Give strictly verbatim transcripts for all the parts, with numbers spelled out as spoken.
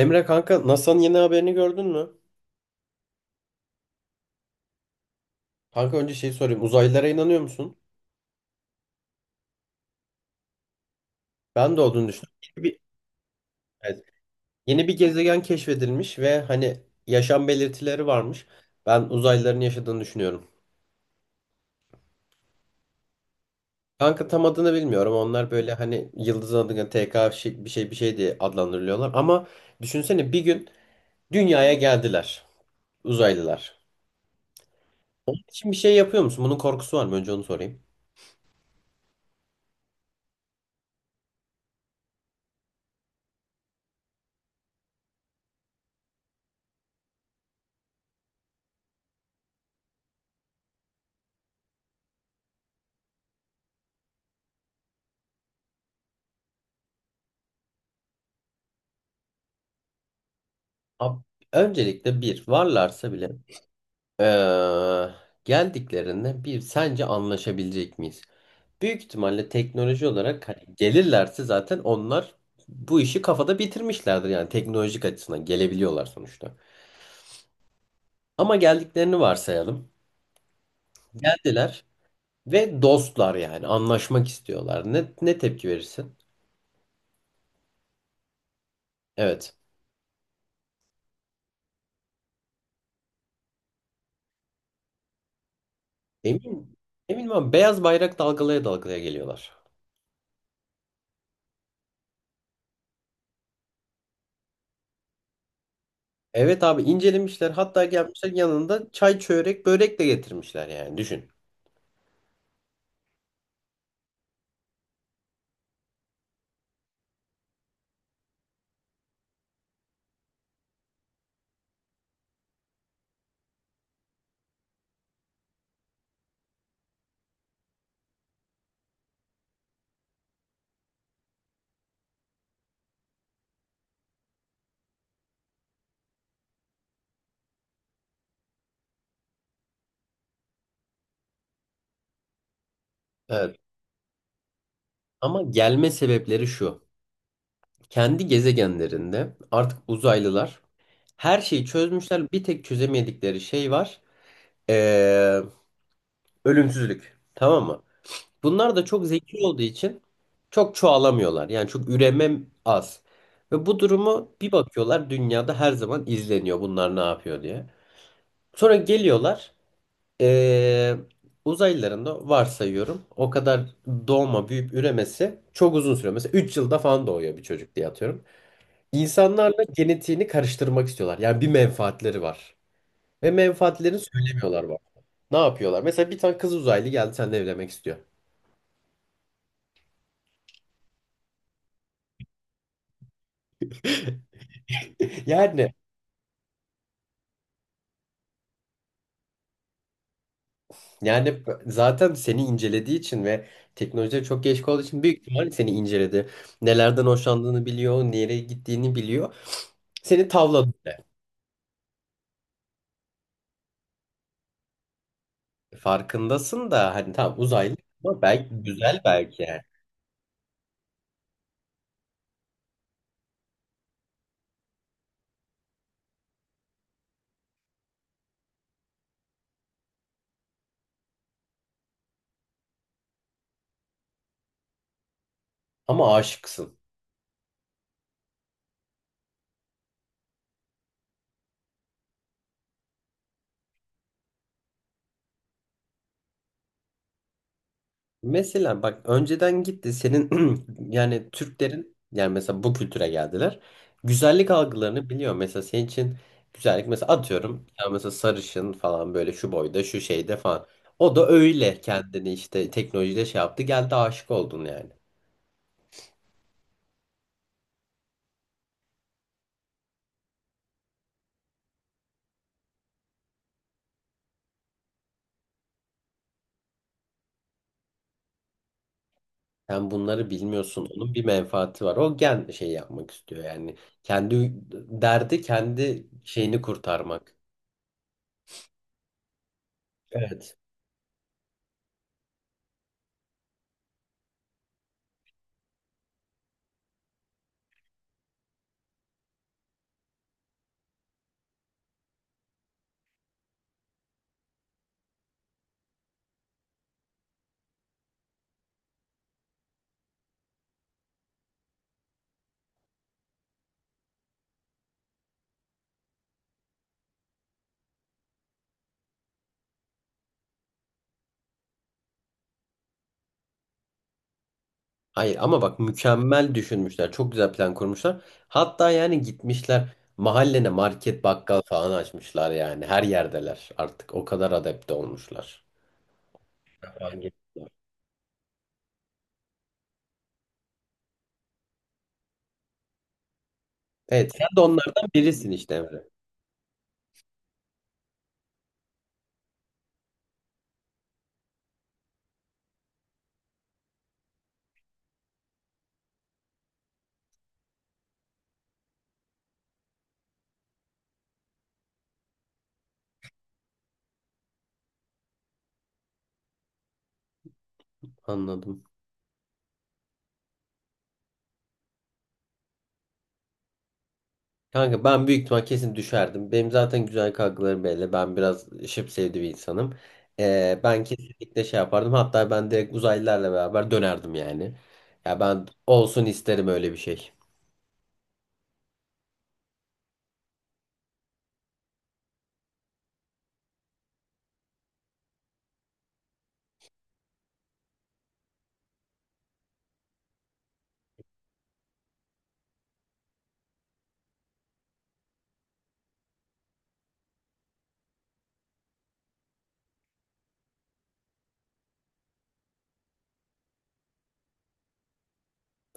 Emre kanka N A S A'nın yeni haberini gördün mü? Kanka önce şey sorayım. Uzaylılara inanıyor musun? Ben de olduğunu düşünüyorum. Yeni bir, evet, yeni bir gezegen keşfedilmiş ve hani yaşam belirtileri varmış. Ben uzaylıların yaşadığını düşünüyorum. Kanka tam adını bilmiyorum. Onlar böyle hani yıldız adına T K şey- bir şey bir şey diye adlandırılıyorlar. Ama düşünsene bir gün dünyaya geldiler uzaylılar. Onun için bir şey yapıyor musun? Bunun korkusu var mı? Önce onu sorayım. Ab- Öncelikle bir varlarsa bile, Ee, geldiklerinde bir sence anlaşabilecek miyiz? Büyük ihtimalle teknoloji olarak hani gelirlerse zaten onlar bu işi kafada bitirmişlerdir, yani teknolojik açısından gelebiliyorlar sonuçta. Ama geldiklerini varsayalım. Geldiler ve dostlar, yani anlaşmak istiyorlar. Ne, ne tepki verirsin? Evet. Emin. Emin ama beyaz bayrak dalgalaya dalgalaya geliyorlar. Evet abi, incelemişler, hatta gelmişler yanında çay çörek börek de getirmişler yani düşün. Evet. Ama gelme sebepleri şu. Kendi gezegenlerinde artık uzaylılar her şeyi çözmüşler. Bir tek çözemedikleri şey var. Ee, Ölümsüzlük. Tamam mı? Bunlar da çok zeki olduğu için çok çoğalamıyorlar. Yani çok üreme az. Ve bu durumu bir bakıyorlar, dünyada her zaman izleniyor bunlar ne yapıyor diye. Sonra geliyorlar, ee, uzaylıların da varsayıyorum o kadar doğma büyüyüp üremesi çok uzun sürüyor. Mesela 3 yılda falan doğuyor bir çocuk diye atıyorum. İnsanlarla genetiğini karıştırmak istiyorlar. Yani bir menfaatleri var. Ve menfaatlerini söylemiyorlar bak. Ne yapıyorlar? Mesela bir tane kız uzaylı geldi, seninle evlenmek istiyor. Yani yani zaten seni incelediği için ve teknolojiye çok geç olduğu için büyük ihtimalle seni inceledi. Nelerden hoşlandığını biliyor, nereye gittiğini biliyor. Seni tavladı. bile. Farkındasın da hani tamam uzaylı ama belki güzel belki yani. Ama aşıksın. Mesela bak, önceden gitti senin yani Türklerin, yani mesela bu kültüre geldiler. Güzellik algılarını biliyor. Mesela senin için güzellik, mesela atıyorum ya, mesela sarışın falan, böyle şu boyda şu şeyde falan. O da öyle kendini işte teknolojide şey yaptı, geldi, aşık oldun yani. Sen bunları bilmiyorsun. Onun bir menfaati var. O gen şey yapmak istiyor yani. Kendi derdi kendi şeyini kurtarmak. Evet. Hayır ama bak, mükemmel düşünmüşler. Çok güzel plan kurmuşlar. Hatta yani gitmişler mahallene market bakkal falan açmışlar yani. Her yerdeler artık. O kadar adapte olmuşlar. Hangi- Evet, sen de onlardan birisin işte Emre. Anladım. Kanka ben büyük ihtimal kesin düşerdim. Benim zaten güzel kaygılarım belli. Ben biraz şıp bir insanım. Ee, ben kesinlikle şey yapardım. Hatta ben direkt uzaylılarla beraber dönerdim yani. Ya ben olsun isterim öyle bir şey.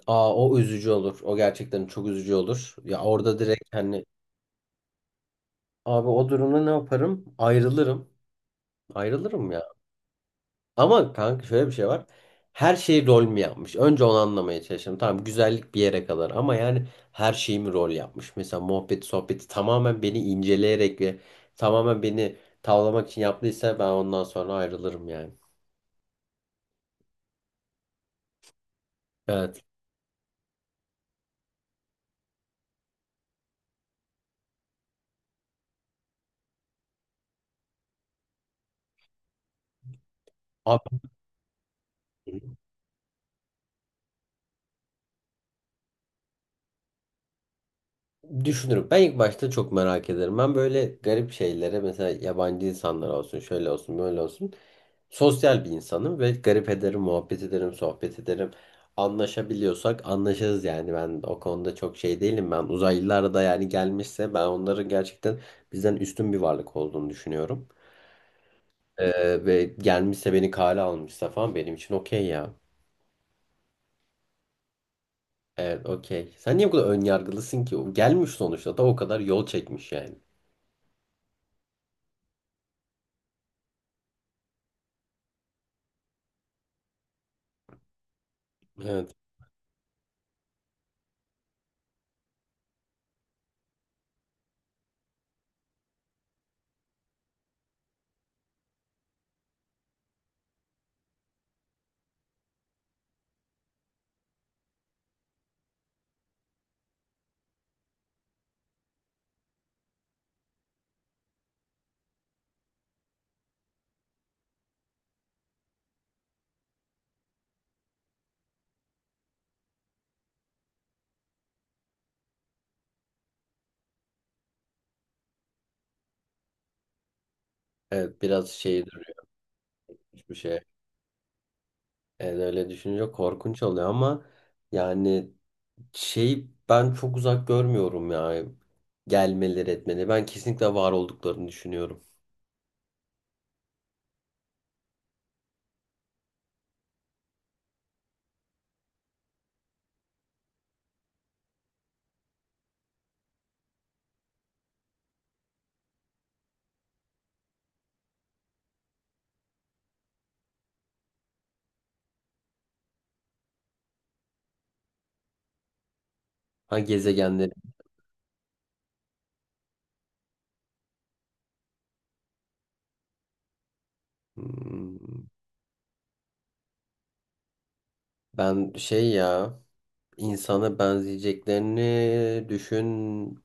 Aa, o üzücü olur. O gerçekten çok üzücü olur. Ya orada direkt hani, abi o durumda ne yaparım? Ayrılırım. Ayrılırım ya. Ama kanka şöyle bir şey var. Her şeyi rol mü yapmış? Önce onu anlamaya çalıştım. Tamam, güzellik bir yere kadar ama yani her şeyi mi rol yapmış? Mesela muhabbeti sohbeti tamamen beni inceleyerek ve tamamen beni tavlamak için yaptıysa, ben ondan sonra ayrılırım yani. Evet. Abi. Düşünürüm. Ben ilk başta çok merak ederim. Ben böyle garip şeylere, mesela yabancı insanlar olsun, şöyle olsun, böyle olsun. Sosyal bir insanım ve garip ederim, muhabbet ederim, sohbet ederim. Anlaşabiliyorsak anlaşırız yani. Ben o konuda çok şey değilim. Ben uzaylılar da yani gelmişse, ben onların gerçekten bizden üstün bir varlık olduğunu düşünüyorum. Ee, ve gelmişse, beni kale almışsa falan, benim için okey ya. Evet, okey. Sen niye bu kadar ön yargılısın ki? O gelmiş sonuçta, da o kadar yol çekmiş yani. Evet. Evet biraz şey duruyor bir şey. Evet, öyle düşününce korkunç oluyor ama yani şey, ben çok uzak görmüyorum ya gelmeleri etmeleri. Ben kesinlikle var olduklarını düşünüyorum. Ha, gezegenleri. Hmm, Ben şey ya, insana benzeyeceklerini düşün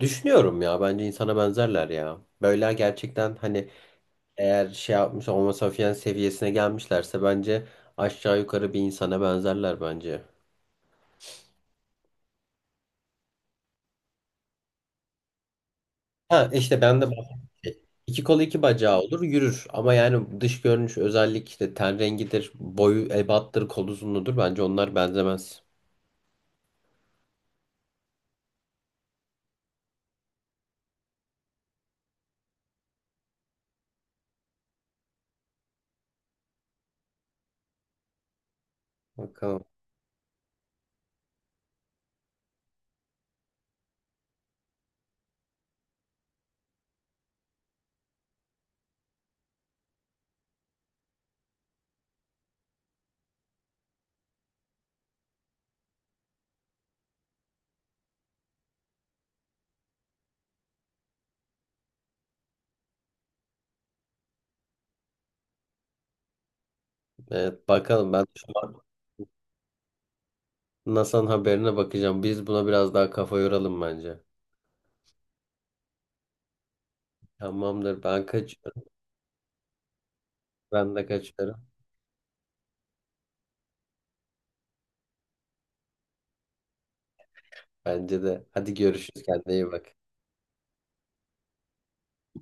düşünüyorum ya, bence insana benzerler ya. Böyle gerçekten hani, eğer şey yapmış Homo sapiens seviyesine gelmişlerse, bence aşağı yukarı bir insana benzerler bence. Ha işte, ben de bahsettiğim şey. İki kolu iki bacağı olur, yürür, ama yani dış görünüş özellik, işte ten rengidir, boyu ebattır, kol uzunluğudur, bence onlar benzemez. Bakalım. Evet, bakalım, ben şu an N A S A'nın haberine bakacağım. Biz buna biraz daha kafa yoralım bence. Tamamdır, ben kaçıyorum. Ben de kaçıyorum. Bence de. Hadi görüşürüz, kendine iyi bak.